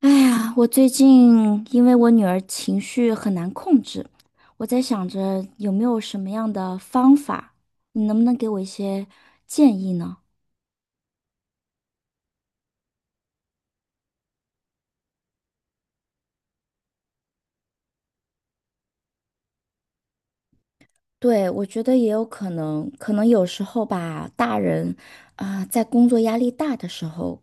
哎呀，我最近因为我女儿情绪很难控制，我在想着有没有什么样的方法，你能不能给我一些建议呢？对，我觉得也有可能，可能有时候吧，大人啊，在工作压力大的时候，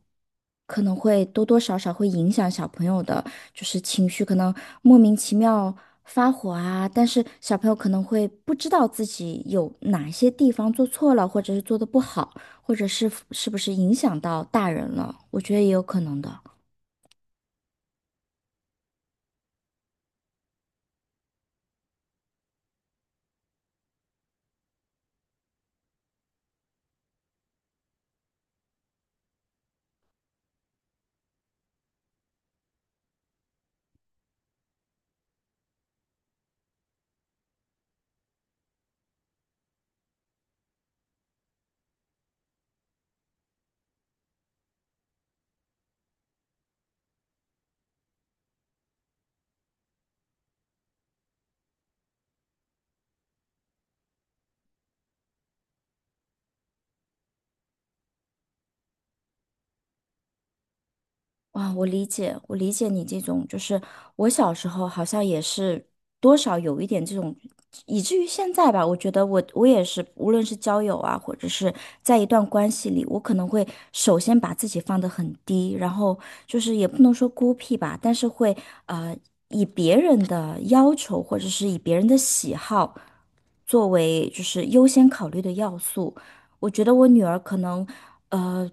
可能会多多少少会影响小朋友的，就是情绪，可能莫名其妙发火啊，但是小朋友可能会不知道自己有哪些地方做错了，或者是做的不好，或者是是不是影响到大人了，我觉得也有可能的。啊，我理解你这种，就是我小时候好像也是多少有一点这种，以至于现在吧，我觉得我也是，无论是交友啊，或者是在一段关系里，我可能会首先把自己放得很低，然后就是也不能说孤僻吧，但是会呃以别人的要求或者是以别人的喜好作为就是优先考虑的要素，我觉得我女儿可能。呃。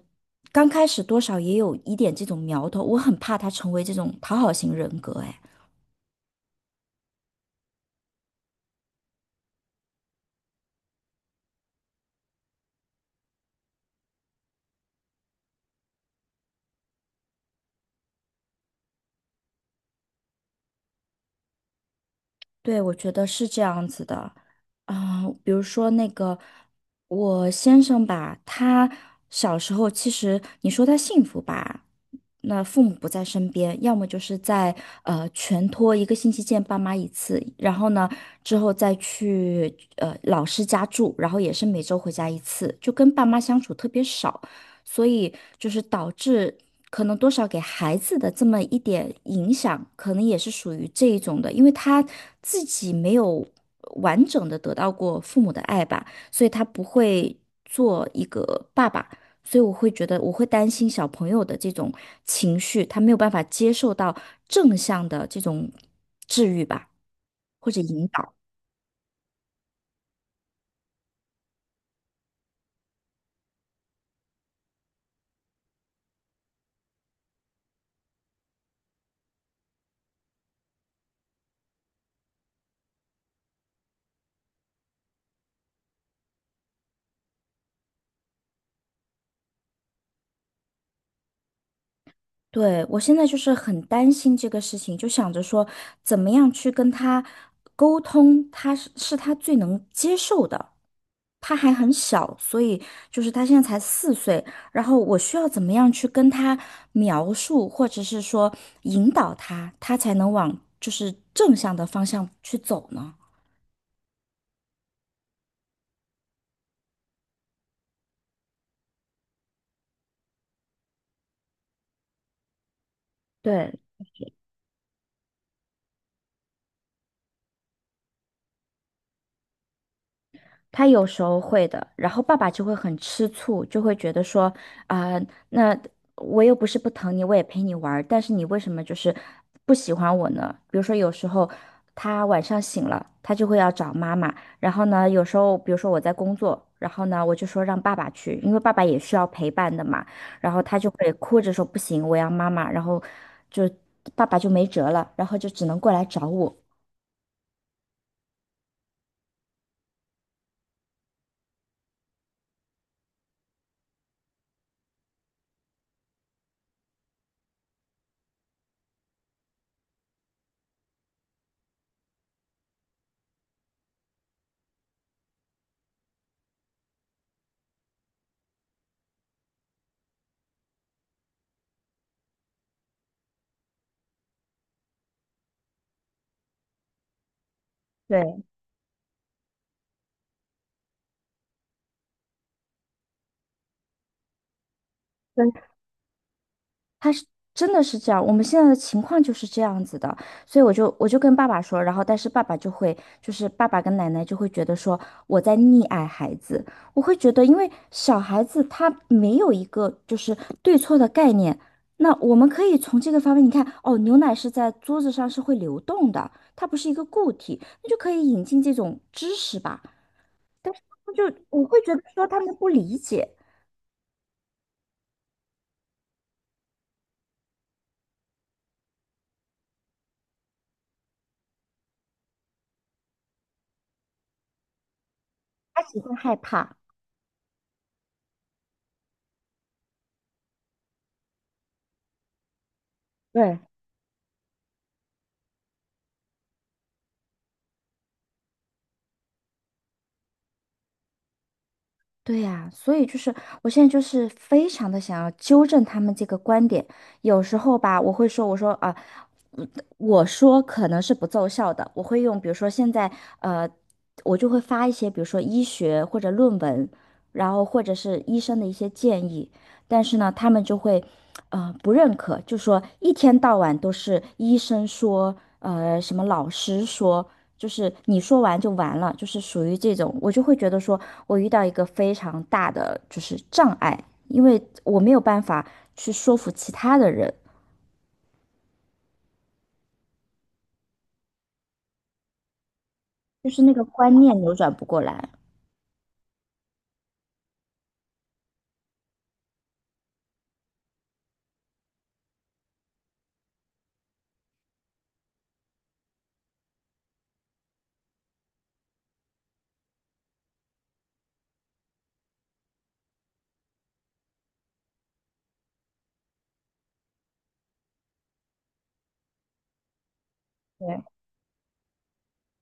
刚开始多少也有一点这种苗头，我很怕他成为这种讨好型人格，哎，对，我觉得是这样子的，比如说那个我先生吧，他小时候其实你说他幸福吧，那父母不在身边，要么就是在全托1个星期见爸妈一次，然后呢之后再去老师家住，然后也是每周回家一次，就跟爸妈相处特别少。所以就是导致可能多少给孩子的这么一点影响，可能也是属于这一种的，因为他自己没有完整的得到过父母的爱吧，所以他不会做一个爸爸，所以我会觉得我会担心小朋友的这种情绪，他没有办法接受到正向的这种治愈吧，或者引导。对，我现在就是很担心这个事情，就想着说怎么样去跟他沟通，他是是他最能接受的。他还很小，所以就是他现在才4岁，然后我需要怎么样去跟他描述，或者是说引导他，他才能往就是正向的方向去走呢？对，他有时候会的，然后爸爸就会很吃醋，就会觉得说，啊、那我又不是不疼你，我也陪你玩儿但是你为什么就是不喜欢我呢？比如说有时候他晚上醒了，他就会要找妈妈，然后呢，有时候比如说我在工作，然后呢，我就说让爸爸去，因为爸爸也需要陪伴的嘛，然后他就会哭着说不行，我要妈妈，然后就爸爸就没辙了，然后就只能过来找我。对。他是真的是这样，我们现在的情况就是这样子的，所以我就跟爸爸说，然后但是爸爸就会，就是爸爸跟奶奶就会觉得说我在溺爱孩子，我会觉得因为小孩子他没有一个就是对错的概念，那我们可以从这个方面，你看哦，牛奶是在桌子上是会流动的，它不是一个固体，那就可以引进这种知识吧，但是他们就我会觉得说他们不理解，他只会害怕，对。对呀，所以就是我现在就是非常的想要纠正他们这个观点。有时候吧，我会说，我说可能是不奏效的，我会用，比如说现在，呃，我就会发一些，比如说医学或者论文，然后或者是医生的一些建议，但是呢，他们就会，不认可，就说一天到晚都是医生说，什么老师说，就是你说完就完了，就是属于这种，我就会觉得说我遇到一个非常大的就是障碍，因为我没有办法去说服其他的人。就是那个观念扭转不过来。对，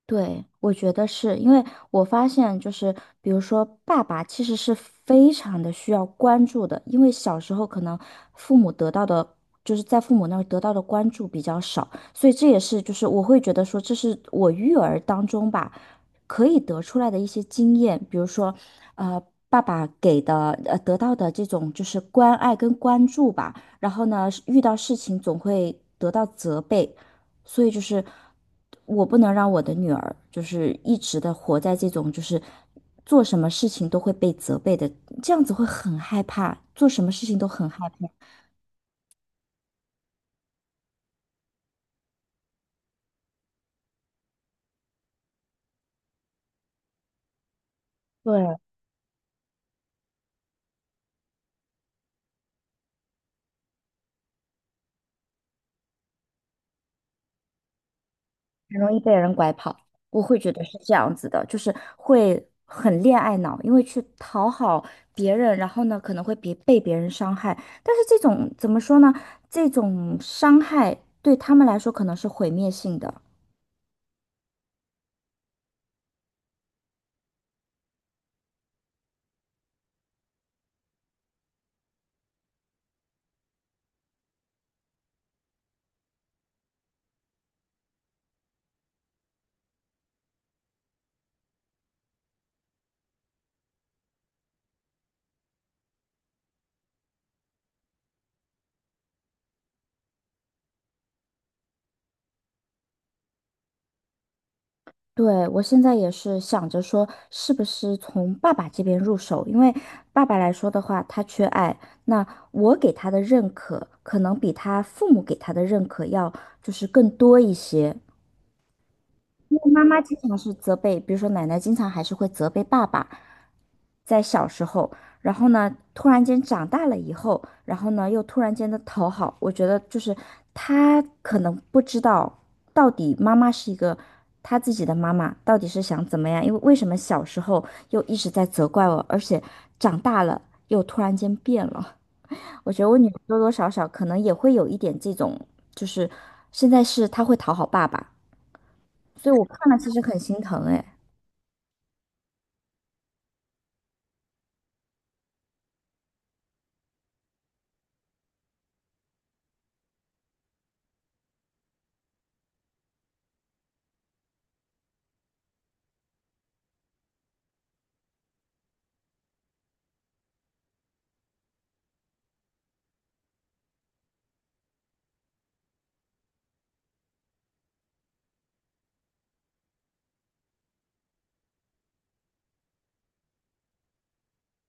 对，我觉得是因为我发现，就是比如说，爸爸其实是非常的需要关注的，因为小时候可能父母得到的，就是在父母那儿得到的关注比较少，所以这也是就是我会觉得说，这是我育儿当中吧，可以得出来的一些经验，比如说，呃，爸爸给的得到的这种就是关爱跟关注吧，然后呢，遇到事情总会得到责备。所以就是我不能让我的女儿就是一直的活在这种就是做什么事情都会被责备的，这样子会很害怕，做什么事情都很害怕，对，很容易被人拐跑。我会觉得是这样子的，就是会很恋爱脑，因为去讨好别人，然后呢可能会别被别人伤害，但是这种怎么说呢？这种伤害对他们来说可能是毁灭性的。对，我现在也是想着说，是不是从爸爸这边入手？因为爸爸来说的话，他缺爱，那我给他的认可，可能比他父母给他的认可要就是更多一些。因为妈妈经常是责备，比如说奶奶经常还是会责备爸爸，在小时候，然后呢，突然间长大了以后，然后呢，又突然间的讨好，我觉得就是他可能不知道到底妈妈是一个他自己的妈妈到底是想怎么样，因为为什么小时候又一直在责怪我，而且长大了又突然间变了。我觉得我女儿多多少少可能也会有一点这种，就是现在是她会讨好爸爸，所以我看了其实很心疼哎，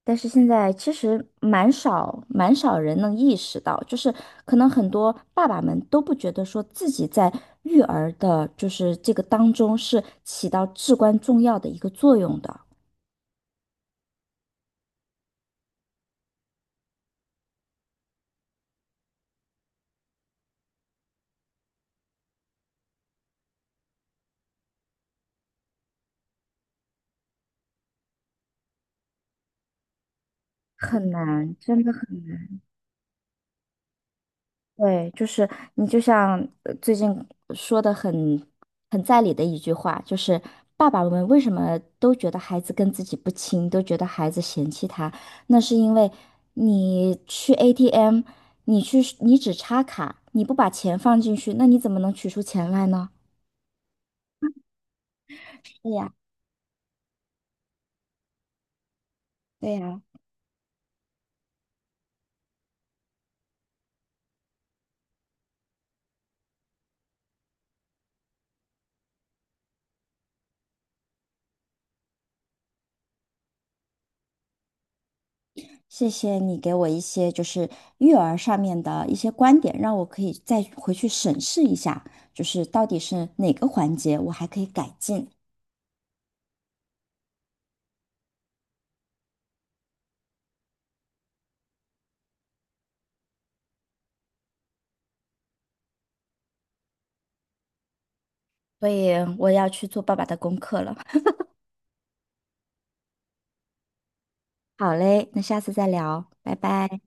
但是现在其实蛮少蛮少人能意识到，就是可能很多爸爸们都不觉得说自己在育儿的，就是这个当中是起到至关重要的一个作用的，很难，真的很对，就是你就像最近说的很在理的一句话，就是爸爸们为什么都觉得孩子跟自己不亲，都觉得孩子嫌弃他，那是因为你去 ATM，你只插卡，你不把钱放进去，那你怎么能取出钱来呢？对呀，对呀，谢谢你给我一些就是育儿上面的一些观点，让我可以再回去审视一下，就是到底是哪个环节我还可以改进。所以我要去做爸爸的功课了。好嘞，那下次再聊，拜拜。